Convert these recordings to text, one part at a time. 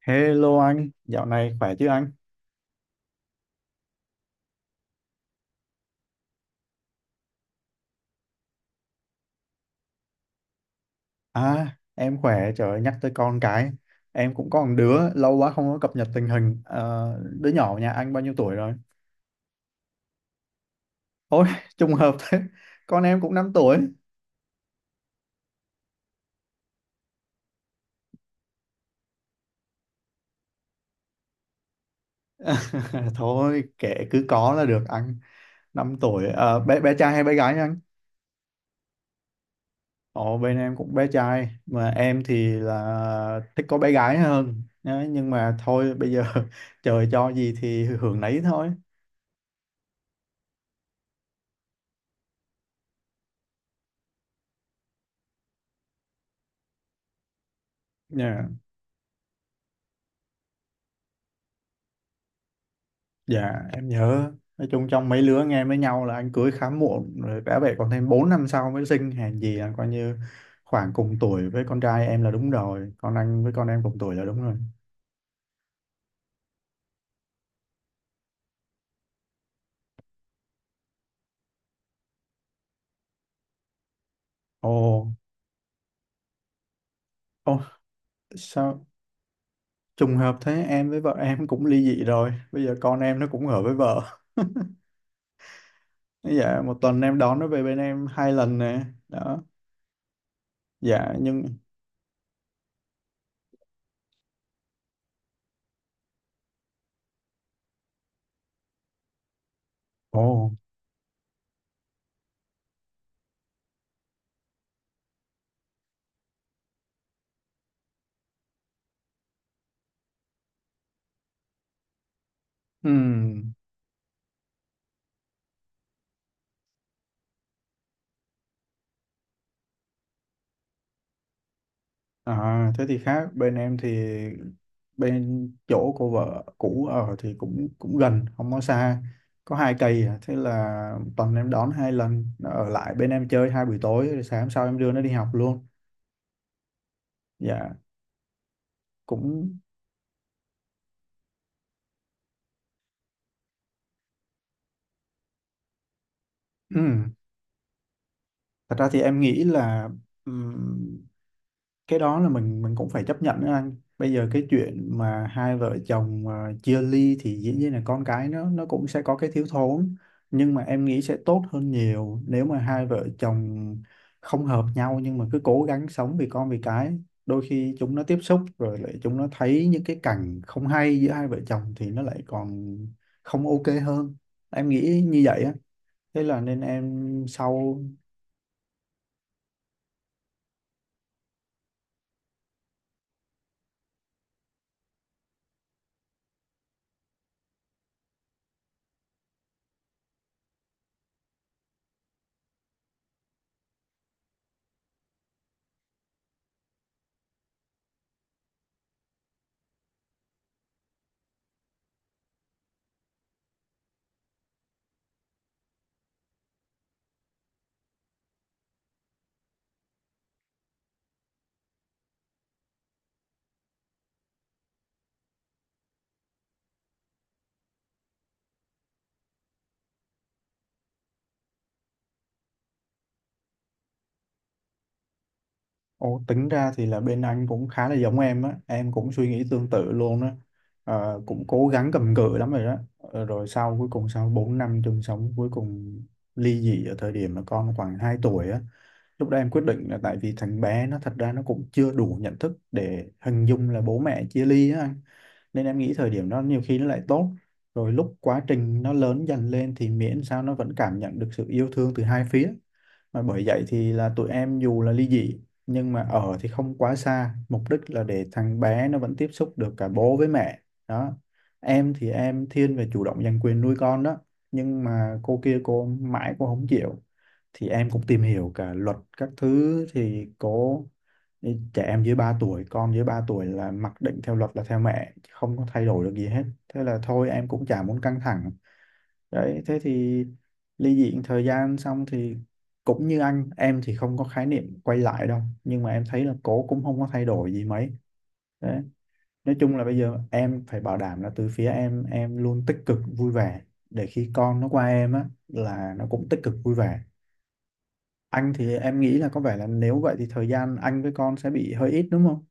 Hello anh, dạo này khỏe chứ anh? À, em khỏe, trời ơi, nhắc tới con cái. Em cũng có một đứa, lâu quá không có cập nhật tình hình. Ờ, đứa nhỏ nhà anh bao nhiêu tuổi rồi? Ôi, trùng hợp thế, con em cũng 5 tuổi. Thôi, kệ cứ có là được anh. 5 tuổi. Bé trai hay bé gái nha anh? Ồ, bên em cũng bé trai, mà em thì là thích có bé gái hơn. Đấy, nhưng mà thôi, bây giờ trời cho gì thì hưởng nấy thôi. Dạ em nhớ. Nói chung trong mấy lứa nghe với nhau là anh cưới khá muộn. Rồi bé vậy còn thêm 4 năm sau mới sinh. Hèn gì là coi như khoảng cùng tuổi với con trai em là đúng rồi. Còn anh với con em cùng tuổi là đúng rồi. Ồ, ồ, sao trùng hợp thế, em với vợ em cũng ly dị rồi. Bây giờ con em nó cũng ở với vợ. Dạ, một tuần em đón nó về bên em hai lần nè. Đó. Dạ nhưng. Ồ. Ừ. À, thế thì khác. Bên em thì bên chỗ cô vợ cũ ở thì cũng cũng gần, không có xa, có 2 cây à. Thế là tuần em đón hai lần, nó ở lại bên em chơi hai buổi tối rồi sáng hôm sau em đưa nó đi học luôn. Dạ. Cũng. Thật ra thì em nghĩ là cái đó là mình cũng phải chấp nhận đó anh. Bây giờ cái chuyện mà hai vợ chồng à, chia ly thì dĩ nhiên là con cái nó cũng sẽ có cái thiếu thốn. Nhưng mà em nghĩ sẽ tốt hơn nhiều nếu mà hai vợ chồng không hợp nhau nhưng mà cứ cố gắng sống vì con vì cái. Đôi khi chúng nó tiếp xúc rồi lại chúng nó thấy những cái cảnh không hay giữa hai vợ chồng thì nó lại còn không ok hơn. Em nghĩ như vậy á. Thế là nên em sau. Ồ, tính ra thì là bên anh cũng khá là giống em á, em cũng suy nghĩ tương tự luôn á, Ờ, cũng cố gắng cầm cự lắm rồi đó, Ờ, rồi sau cuối cùng sau 4 năm chung sống cuối cùng ly dị ở thời điểm mà con khoảng 2 tuổi á, lúc đó em quyết định là tại vì thằng bé nó thật ra nó cũng chưa đủ nhận thức để hình dung là bố mẹ chia ly á anh, nên em nghĩ thời điểm đó nhiều khi nó lại tốt, rồi lúc quá trình nó lớn dần lên thì miễn sao nó vẫn cảm nhận được sự yêu thương từ hai phía. Mà bởi vậy thì là tụi em dù là ly dị nhưng mà ở thì không quá xa, mục đích là để thằng bé nó vẫn tiếp xúc được cả bố với mẹ. Đó. Em thì em thiên về chủ động giành quyền nuôi con đó, nhưng mà cô kia cô mãi cô không chịu. Thì em cũng tìm hiểu cả luật các thứ thì cô, trẻ em dưới 3 tuổi, con dưới 3 tuổi là mặc định theo luật là theo mẹ, không có thay đổi được gì hết. Thế là thôi em cũng chả muốn căng thẳng. Đấy thế thì ly dị thời gian xong thì cũng như anh, em thì không có khái niệm quay lại đâu, nhưng mà em thấy là cổ cũng không có thay đổi gì mấy. Đấy. Nói chung là bây giờ em phải bảo đảm là từ phía em luôn tích cực vui vẻ để khi con nó qua em á là nó cũng tích cực vui vẻ. Anh thì em nghĩ là có vẻ là nếu vậy thì thời gian anh với con sẽ bị hơi ít đúng không?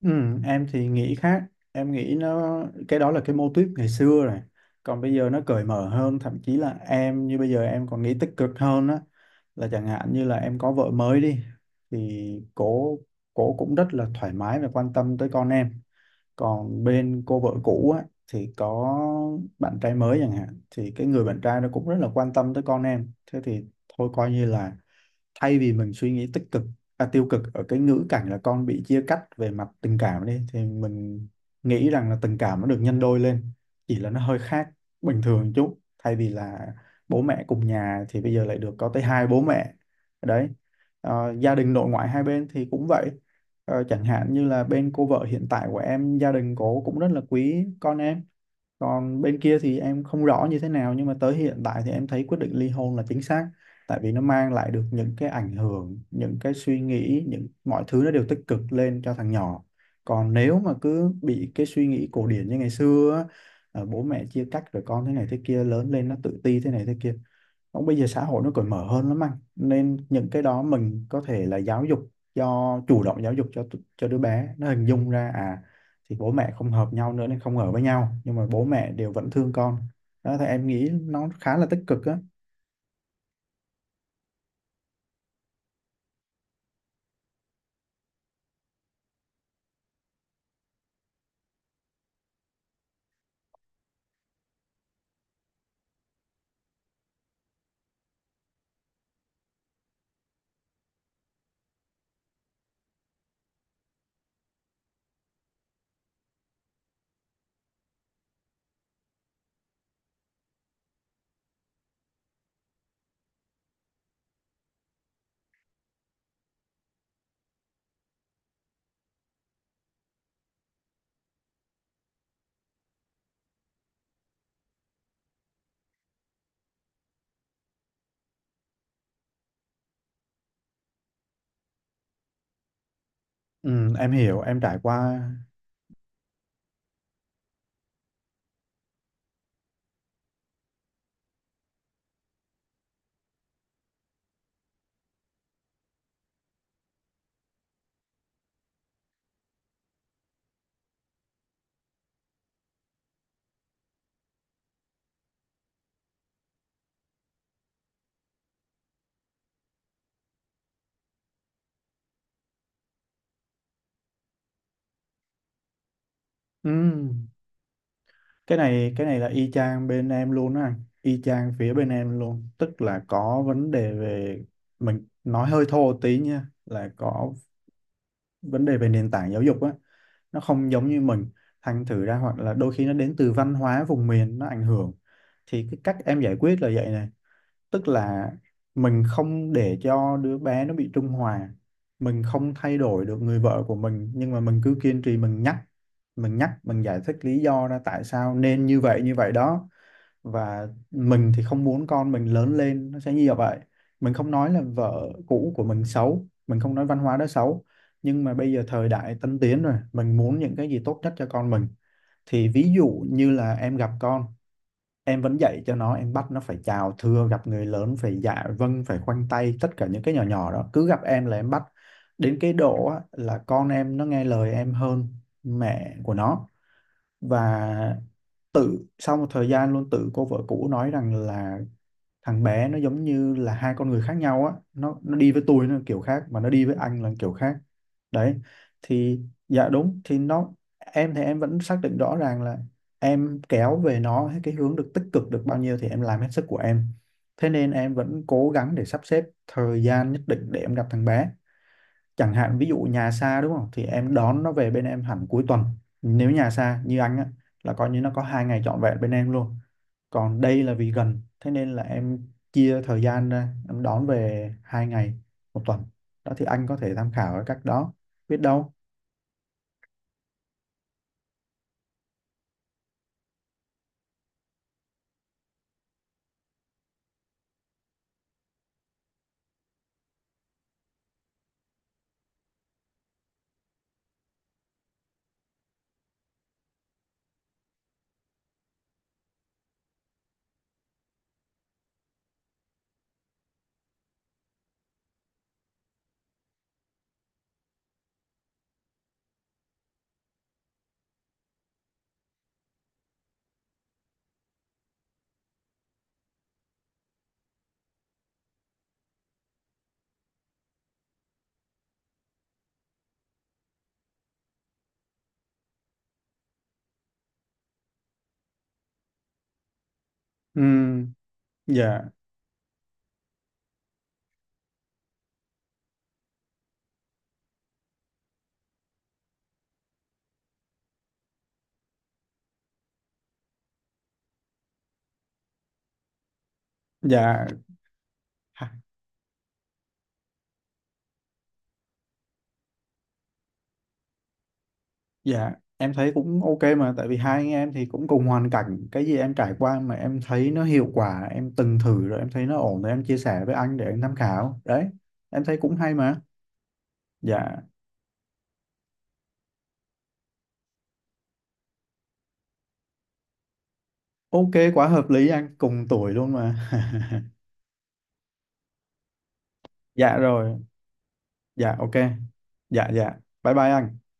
Ừ, em thì nghĩ khác. Em nghĩ nó, cái đó là cái mô típ ngày xưa rồi. Còn bây giờ nó cởi mở hơn, thậm chí là em như bây giờ em còn nghĩ tích cực hơn á, là chẳng hạn như là em có vợ mới đi thì cổ cổ cũng rất là thoải mái và quan tâm tới con em. Còn bên cô vợ cũ á thì có bạn trai mới chẳng hạn thì cái người bạn trai nó cũng rất là quan tâm tới con em. Thế thì thôi coi như là thay vì mình suy nghĩ tích cực, à, tiêu cực ở cái ngữ cảnh là con bị chia cắt về mặt tình cảm đi thì mình nghĩ rằng là tình cảm nó được nhân đôi lên. Chỉ là nó hơi khác bình thường chút, thay vì là bố mẹ cùng nhà thì bây giờ lại được có tới hai bố mẹ. Đấy. Ờ, gia đình nội ngoại hai bên thì cũng vậy. Ờ, chẳng hạn như là bên cô vợ hiện tại của em gia đình cổ cũng rất là quý con em. Còn bên kia thì em không rõ như thế nào nhưng mà tới hiện tại thì em thấy quyết định ly hôn là chính xác, tại vì nó mang lại được những cái ảnh hưởng, những cái suy nghĩ, những mọi thứ nó đều tích cực lên cho thằng nhỏ. Còn nếu mà cứ bị cái suy nghĩ cổ điển như ngày xưa á, bố mẹ chia cách rồi con thế này thế kia lớn lên nó tự ti thế này thế kia. Cũng bây giờ xã hội nó cởi mở hơn lắm anh, nên những cái đó mình có thể là giáo dục cho, chủ động giáo dục cho cho đứa bé nó hình dung ra à thì bố mẹ không hợp nhau nữa nên không ở với nhau nhưng mà bố mẹ đều vẫn thương con. Đó thì em nghĩ nó khá là tích cực á. Ừ, em hiểu, em trải qua. Ừ, cái này là y chang bên em luôn á anh, y chang phía bên em luôn, tức là có vấn đề về, mình nói hơi thô tí nha, là có vấn đề về nền tảng giáo dục á, nó không giống như mình. Thành thử ra hoặc là đôi khi nó đến từ văn hóa vùng miền nó ảnh hưởng. Thì cái cách em giải quyết là vậy này. Tức là mình không để cho đứa bé nó bị trung hòa. Mình không thay đổi được người vợ của mình nhưng mà mình cứ kiên trì mình nhắc, mình giải thích lý do ra tại sao nên như vậy đó. Và mình thì không muốn con mình lớn lên nó sẽ như vậy. Mình không nói là vợ cũ của mình xấu, mình không nói văn hóa đó xấu, nhưng mà bây giờ thời đại tân tiến rồi, mình muốn những cái gì tốt nhất cho con mình. Thì ví dụ như là em gặp con, em vẫn dạy cho nó, em bắt nó phải chào thưa gặp người lớn phải dạ vâng phải khoanh tay, tất cả những cái nhỏ nhỏ đó cứ gặp em là em bắt. Đến cái độ á, là con em nó nghe lời em hơn mẹ của nó. Và tự sau một thời gian luôn, tự cô vợ cũ nói rằng là thằng bé nó giống như là hai con người khác nhau á, nó đi với tôi nó kiểu khác mà nó đi với anh là kiểu khác. Đấy. Thì, dạ đúng, thì nó, em thì em vẫn xác định rõ ràng là em kéo về nó cái hướng được tích cực được bao nhiêu thì em làm hết sức của em. Thế nên em vẫn cố gắng để sắp xếp thời gian nhất định để em gặp thằng bé. Chẳng hạn ví dụ nhà xa đúng không thì em đón nó về bên em hẳn cuối tuần. Nếu nhà xa như anh á là coi như nó có 2 ngày trọn vẹn bên em luôn. Còn đây là vì gần thế nên là em chia thời gian ra, em đón về 2 ngày một tuần. Đó thì anh có thể tham khảo ở cách đó, biết đâu. Ừm, dạ dạ. Dạ, em thấy cũng ok mà, tại vì hai anh em thì cũng cùng hoàn cảnh, cái gì em trải qua mà em thấy nó hiệu quả, em từng thử rồi em thấy nó ổn rồi em chia sẻ với anh để anh tham khảo. Đấy, em thấy cũng hay mà. Dạ, ok quá hợp lý anh, cùng tuổi luôn mà. Dạ rồi, dạ ok. Dạ dạ. Bye bye anh.